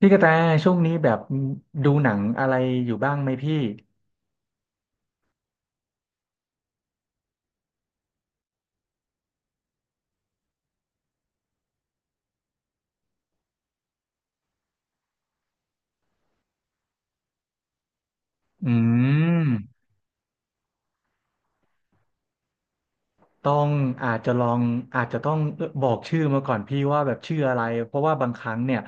พี่กระแตช่วงนี้แบบดูหนังอะไรอยู่บ้างไหมพี่อืมต้องอาจจะลองอาจจะต้องบอกชื่อมาก่อนพี่ว่าแบบชื่ออะไรเพราะว่าบางครั้งเนี่ย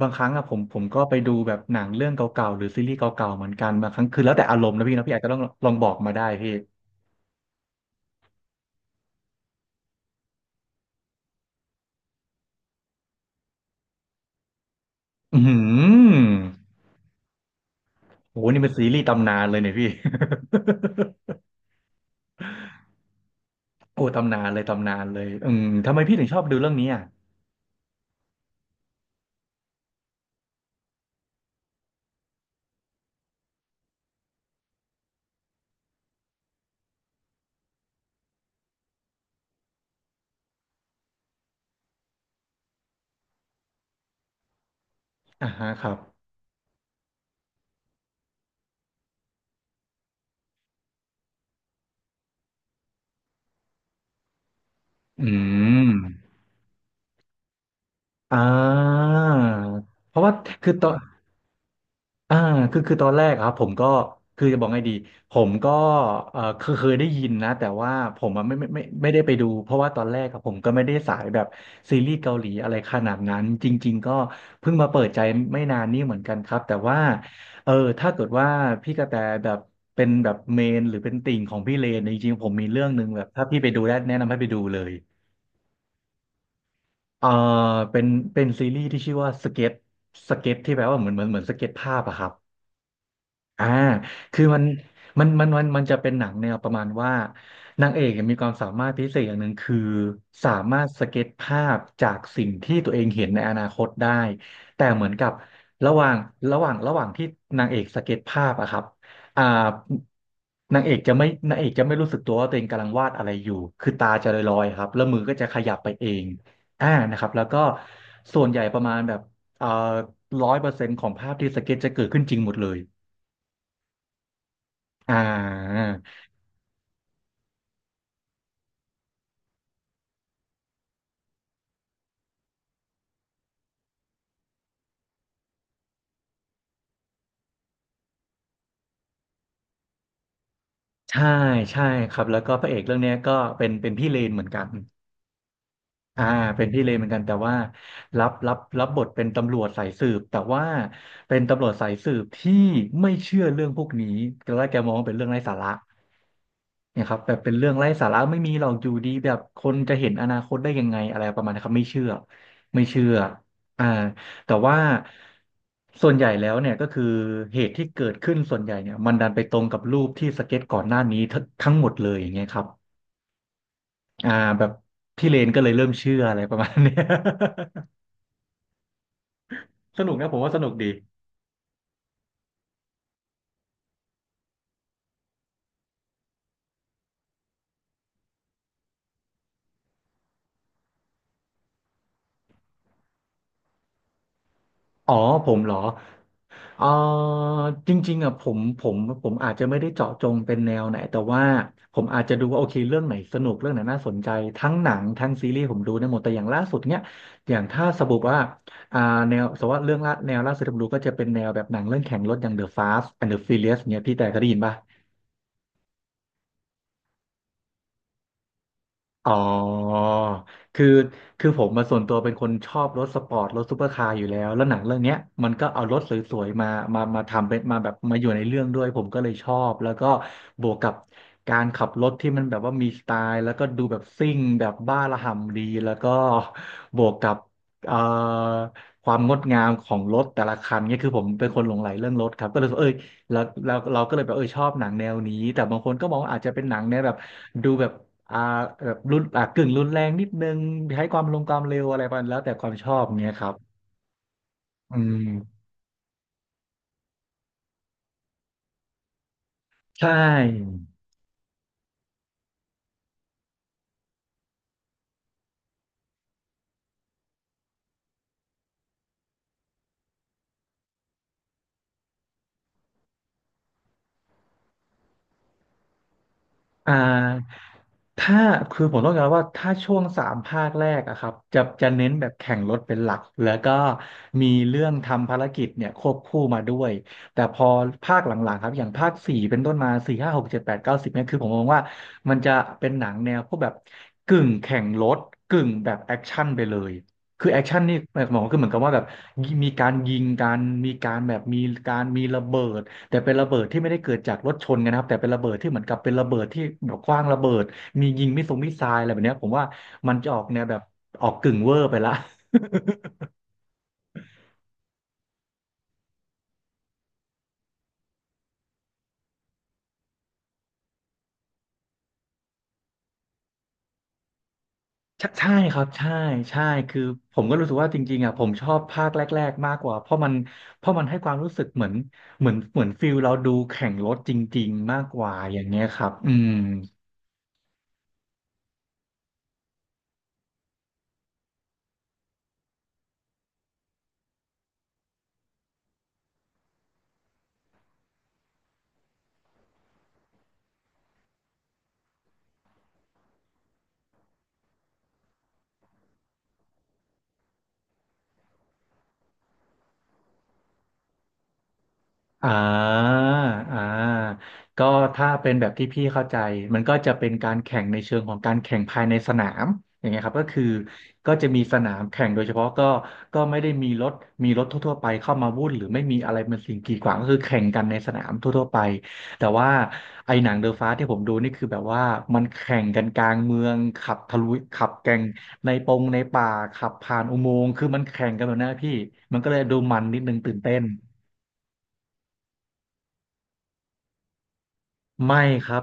บางครั้งอะผมก็ไปดูแบบหนังเรื่องเก่าๆหรือซีรีส์เก่าๆเหมือนกันบางครั้งคือแล้วแต่อารมณ์นะพี่นะพี่อาจจะต้องลองบอกมาได้พี่อืมโอ้โหนี่เป็นซีรีส์ตำนานเลยเนี่ยพี่ โอ้ตำนานเลยตำนานเลยอืมทำไมพี่ถึงชอบดูเรื่องนี้อ่ะอ่าฮะครับอืม อ่าเพราะว่าคือตอนอ่าคือตอนแรกอะครับผมก็คือจะบอกไงดีผมก็เคยได้ยินนะแต่ว่าผมอะไม่ได้ไปดูเพราะว่าตอนแรกอะผมก็ไม่ได้สายแบบซีรีส์เกาหลีอะไรขนาดนั้นจริงๆก็เพิ่งมาเปิดใจไม่นานนี่เหมือนกันครับแต่ว่าเออถ้าเกิดว่าพี่กระแตแบบเป็นแบบเมนหรือเป็นติ่งของพี่เลนเนี่ยจริงๆผมมีเรื่องหนึ่งแบบถ้าพี่ไปดูได้แนะนำให้ไปดูเลย เอ่อเป็นซีรีส์ที่ชื่อว่าสเก็ตสเก็ตที่แปลว่าเหมือนสเก็ตภาพอะครับ อ่าคือมันจะเป็นหนังแนวประมาณว่านางเอกเนี่ยมีความสามารถพิเศษอย่างหนึ่งคือสามารถสเก็ตภาพจากสิ่งที่ตัวเองเห็นในอนาคตได้แต่เหมือนกับระหว่างระหว่างที่นางเอกสเก็ตภาพอะครับอ่านางเอกจะไม่รู้สึกตัวว่าตัวเองกำลังวาดอะไรอยู่คือตาจะลอยๆครับแล้วมือก็จะขยับไปเองนะครับแล้วก็ส่วนใหญ่ประมาณแบบเอ่อ100%ของภาพที่สเก็ตจะเกิดขึ้นจริงหมดเลย อ่าใช่ใช่ครับแล้วก็พระเอกเรื่องเนี้ยก็เป็นพี่เลนเหมือนกันอ่าเป็นพี่เลนเหมือนกันแต่ว่ารับบทเป็นตำรวจสายสืบแต่ว่าเป็นตำรวจสายสืบที่ไม่เชื่อเรื่องพวกนี้ตอนแรกแกมองว่าเป็นเรื่องไร้สาระ เนี่ยครับแบบเป็นเรื่องไร้สาระไม่มีหรอกอยู่ดีแบบคนจะเห็นอนาคตได้ยังไงอะไรประมาณนี้ครับไม่เชื่ออ่าแต่ว่าส่วนใหญ่แล้วเนี่ยก็คือเหตุที่เกิดขึ้นส่วนใหญ่เนี่ยมันดันไปตรงกับรูปที่สเก็ตก่อนหน้านี้ทั้งหมดเลยอย่างเงี้ยครับอ่าแบบพี่เลนก็เลยเริ่มเชื่ออะไรประมาณเนี้ย สนุกนะผมว่าสนุกดีอ๋อผมเหรอ เอ่อจริงๆอ่ะผมอาจจะไม่ได้เจาะจงเป็นแนวไหนแต่ว่าผมอาจจะดูว่าโอเคเรื่องไหนสนุกเรื่องไหนน่าสนใจทั้งหนังทั้งซีรีส์ผมดูได้หมดแต่อย่างล่าสุดเนี้ยอย่างถ้าสมมติว่าอ่าแนวสมมติว่าเรื่องละแนวล่าสุดที่ผมดูก็จะเป็นแนวแบบหนังเรื่องแข่งรถอย่าง The Fast and the Furious เนี้ยพี่แต่เคยได้ยินป่ะ อ๋อคือคือผมมาส่วนตัวเป็นคนชอบรถสปอร์ตรถซูเปอร์คาร์อยู่แล้วแล้วหนังเรื่องเนี้ยมันก็เอารถสวยๆมาทำเป็นมาแบบมาอยู่ในเรื่องด้วยผมก็เลยชอบแล้วก็บวกกับการขับรถที่มันแบบว่ามีสไตล์แล้วก็ดูแบบซิ่งแบบบ้าระห่ำดีแล้วก็บวกกับเอ่อความงดงามของรถแต่ละคันเนี่ยคือผมเป็นคนหลงใหลเรื่องรถครับก็เลยรู้สึกเอ้ยแล้วเราก็เลยแบบเออชอบหนังแนวนี้แต่บางคนก็มองว่าอาจจะเป็นหนังแนวแบบดูแบบ อ่าแบบรุนอ่ากึ่งรุนแรงนิดนึงใช้ความลงความเร็วอะไรไปแล้วแต่ความชอบเนี้ยครับอืมใช่อ่า ถ้าคือผมต้องการว่าถ้าช่วง3 ภาคแรกอะครับจะเน้นแบบแข่งรถเป็นหลักแล้วก็มีเรื่องทำภารกิจเนี่ยควบคู่มาด้วยแต่พอภาคหลังๆครับอย่างภาค 4เป็นต้นมา4 5 6 7 8 9 10เนี่ยคือผมมองว่ามันจะเป็นหนังแนวพวกแบบกึ่งแข่งรถกึ่งแบบแอคชั่นไปเลยคือแอคชั่นนี่หมายความว่าคือเหมือนกับว่าแบบมีการยิงกันมีการแบบมีการมีระเบิดแต่เป็นระเบิดที่ไม่ได้เกิดจากรถชนกันนะครับแต่เป็นระเบิดที่เหมือนกับเป็นระเบิดที่แบบขว้างระเบิด มียิงมิสไซล์อะไรแบบเนี้ยผมว่ามันจะออกแนวแบบออกกึ่งเวอร์ไปละ ใช่ใช่ครับใช่ใช่คือผมก็รู้สึกว่าจริงๆอ่ะผมชอบภาคแรกๆมากกว่าเพราะมันให้ความรู้สึกเหมือนฟิลเราดูแข่งรถจริงๆมากกว่าอย่างเงี้ยครับอืม อ่าอ่าก็ถ้าเป็นแบบที่พี่เข้าใจ มันก็จะเป็นการแข่งในเชิงของการแข่งภายในสนาม อย่างเงี้ยครับก็คือก็จะมีสนามแข่งโดยเฉพาะก็ไม่ได้มีรถทั่วๆไปเข้ามาวุ่นหรือไม่มีอะไรเป็นสิ่งกีดขวางก็คือแข่งกันในสนามทั่วๆไป แต่ว่าไอ้หนังเดอะฟาสที่ผมดูนี่คือแบบว่ามันแข่งกันกลางเมืองขับทะลุขับแก่งในปงในป่าขับผ่านอุโมงค์คือมันแข่งกันแบบนั้นนะพี่มันก็เลยดูมันนิดนึงตื่นเต้นไม่ครับ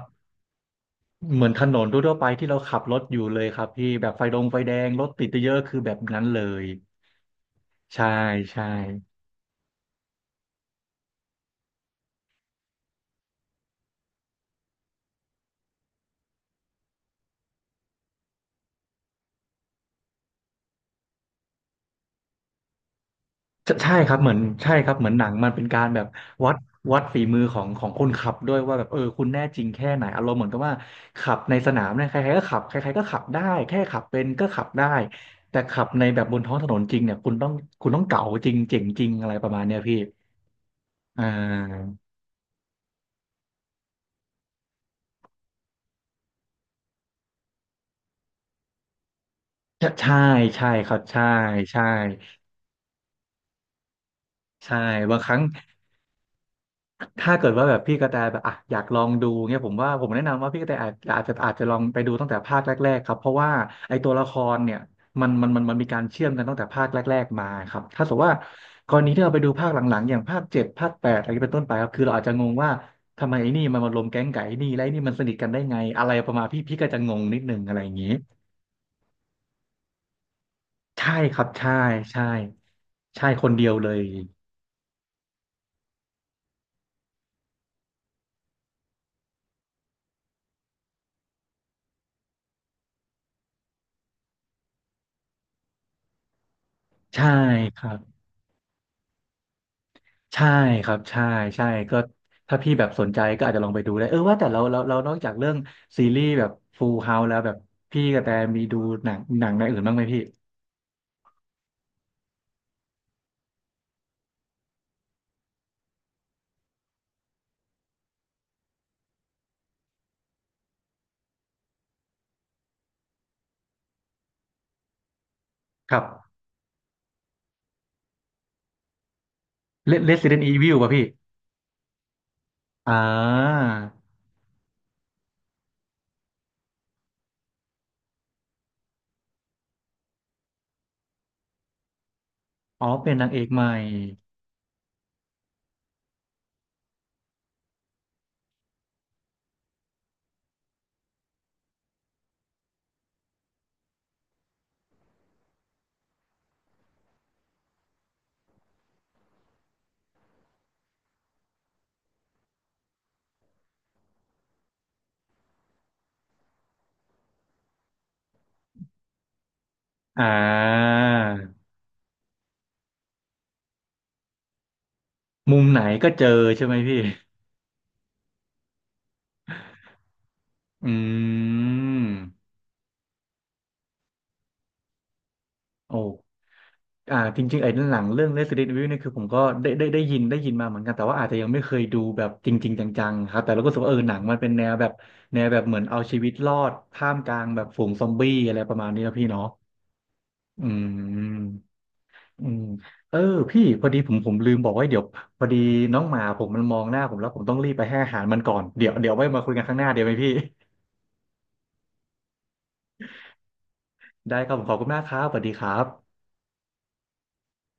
เหมือนถนนทั่วๆไปที่เราขับรถอยู่เลยครับพี่แบบไฟดงไฟแดงรถติดเยอะๆคือแบบนั้นเลยใช่ใช่ใช่ใช่ครับเหมือนใช่ครับเหมือนหนังมันเป็นการแบบวัดวัดฝีมือของคนขับด้วยว่าแบบเออคุณแน่จริงแค่ไหนอารมณ์เหมือนกับว่าขับในสนามเนี่ยใครๆก็ขับใครๆก็ขับได้แค่ขับเป็นก็ขับได้แต่ขับในแบบบนท้องถนนจริงเนี่ยคุณต้องเก๋าจริงเจ๋งจริงอะไรประมาณเนี้ยพี่อ่าใช่ใช่ใช่ครับใช่ใช่ใช่บางครั้ง ถ้าเกิดว่าแบบพี่กระแตแบบอ่ะอยากลองดูเงี้ยผมว่าผมแนะนำว่าพี่กระแตอาจจะลองไปดูตั้งแต่ภาคแรกๆครับเพราะว่าไอ้ตัวละครเนี่ยมันมีการเชื่อมกันตั้งแต่ภาคแรกๆมาครับถ้าสมมติว่ากรณีที่เราไปดูภาคหลังๆอย่างภาคเจ็ดภาคแปดอะไรเป็นต้นไปครับคือเราอาจจะงงว่าทำไมไอ้นี่มันมารวมแก๊งไก่ไอ้นี่แล้วไอ้นี่มันสนิทกันได้ไงอะไรประมาณพี่พี่ก็จะงงนิดนึงอะไรอย่างนี้ใช่ครับใช่ใช่ใช่คนเดียวเลยใช่ครับ ใช่ครับใช่ใช่ก็ถ้าพี่แบบสนใจก็อาจจะลองไปดูได้เออว่าแต่เรานอกจากเรื่องซีรีส์แบบ Full House แล้วแบบพี่กระแตมีดูหนังในอื่นบ้างไหมพี่ครับ Resident Evil ป่ะพี่อ่าอ๋อเป็นนางเอกใหม่อ่ามุมไหนก็เจอใช่ไหมพี่อืมโอ จริงๆไอ้หนังเรื่อง Resident Evil เนี่ยคือผมก็ได้ยินมาเหมือนกันแต่ว่าอาจจะยังไม่เคยดูแบบจริงๆจังๆครับแต่เราก็รู้สึกว่าเออหนังมันเป็นแนวแบบแนวแบบเหมือนเอาชีวิตรอดท่ามกลางแบบฝูงซอมบี้อะไรประมาณนี้นะพี่เนาะอืมอืมเออพี่พอดีผมลืมบอกไว่าเดี๋ยวพอดีน้องหมาผมมันมองหน้าผมแล้วผมต้องรีบไปให้อาหารมันก่อนเดี๋ยวไว้มาคุยกันข้างหน้าเดี๋ยวไหมพี่ได้ครับผมขอบคุณมากครับสวัสดีครับ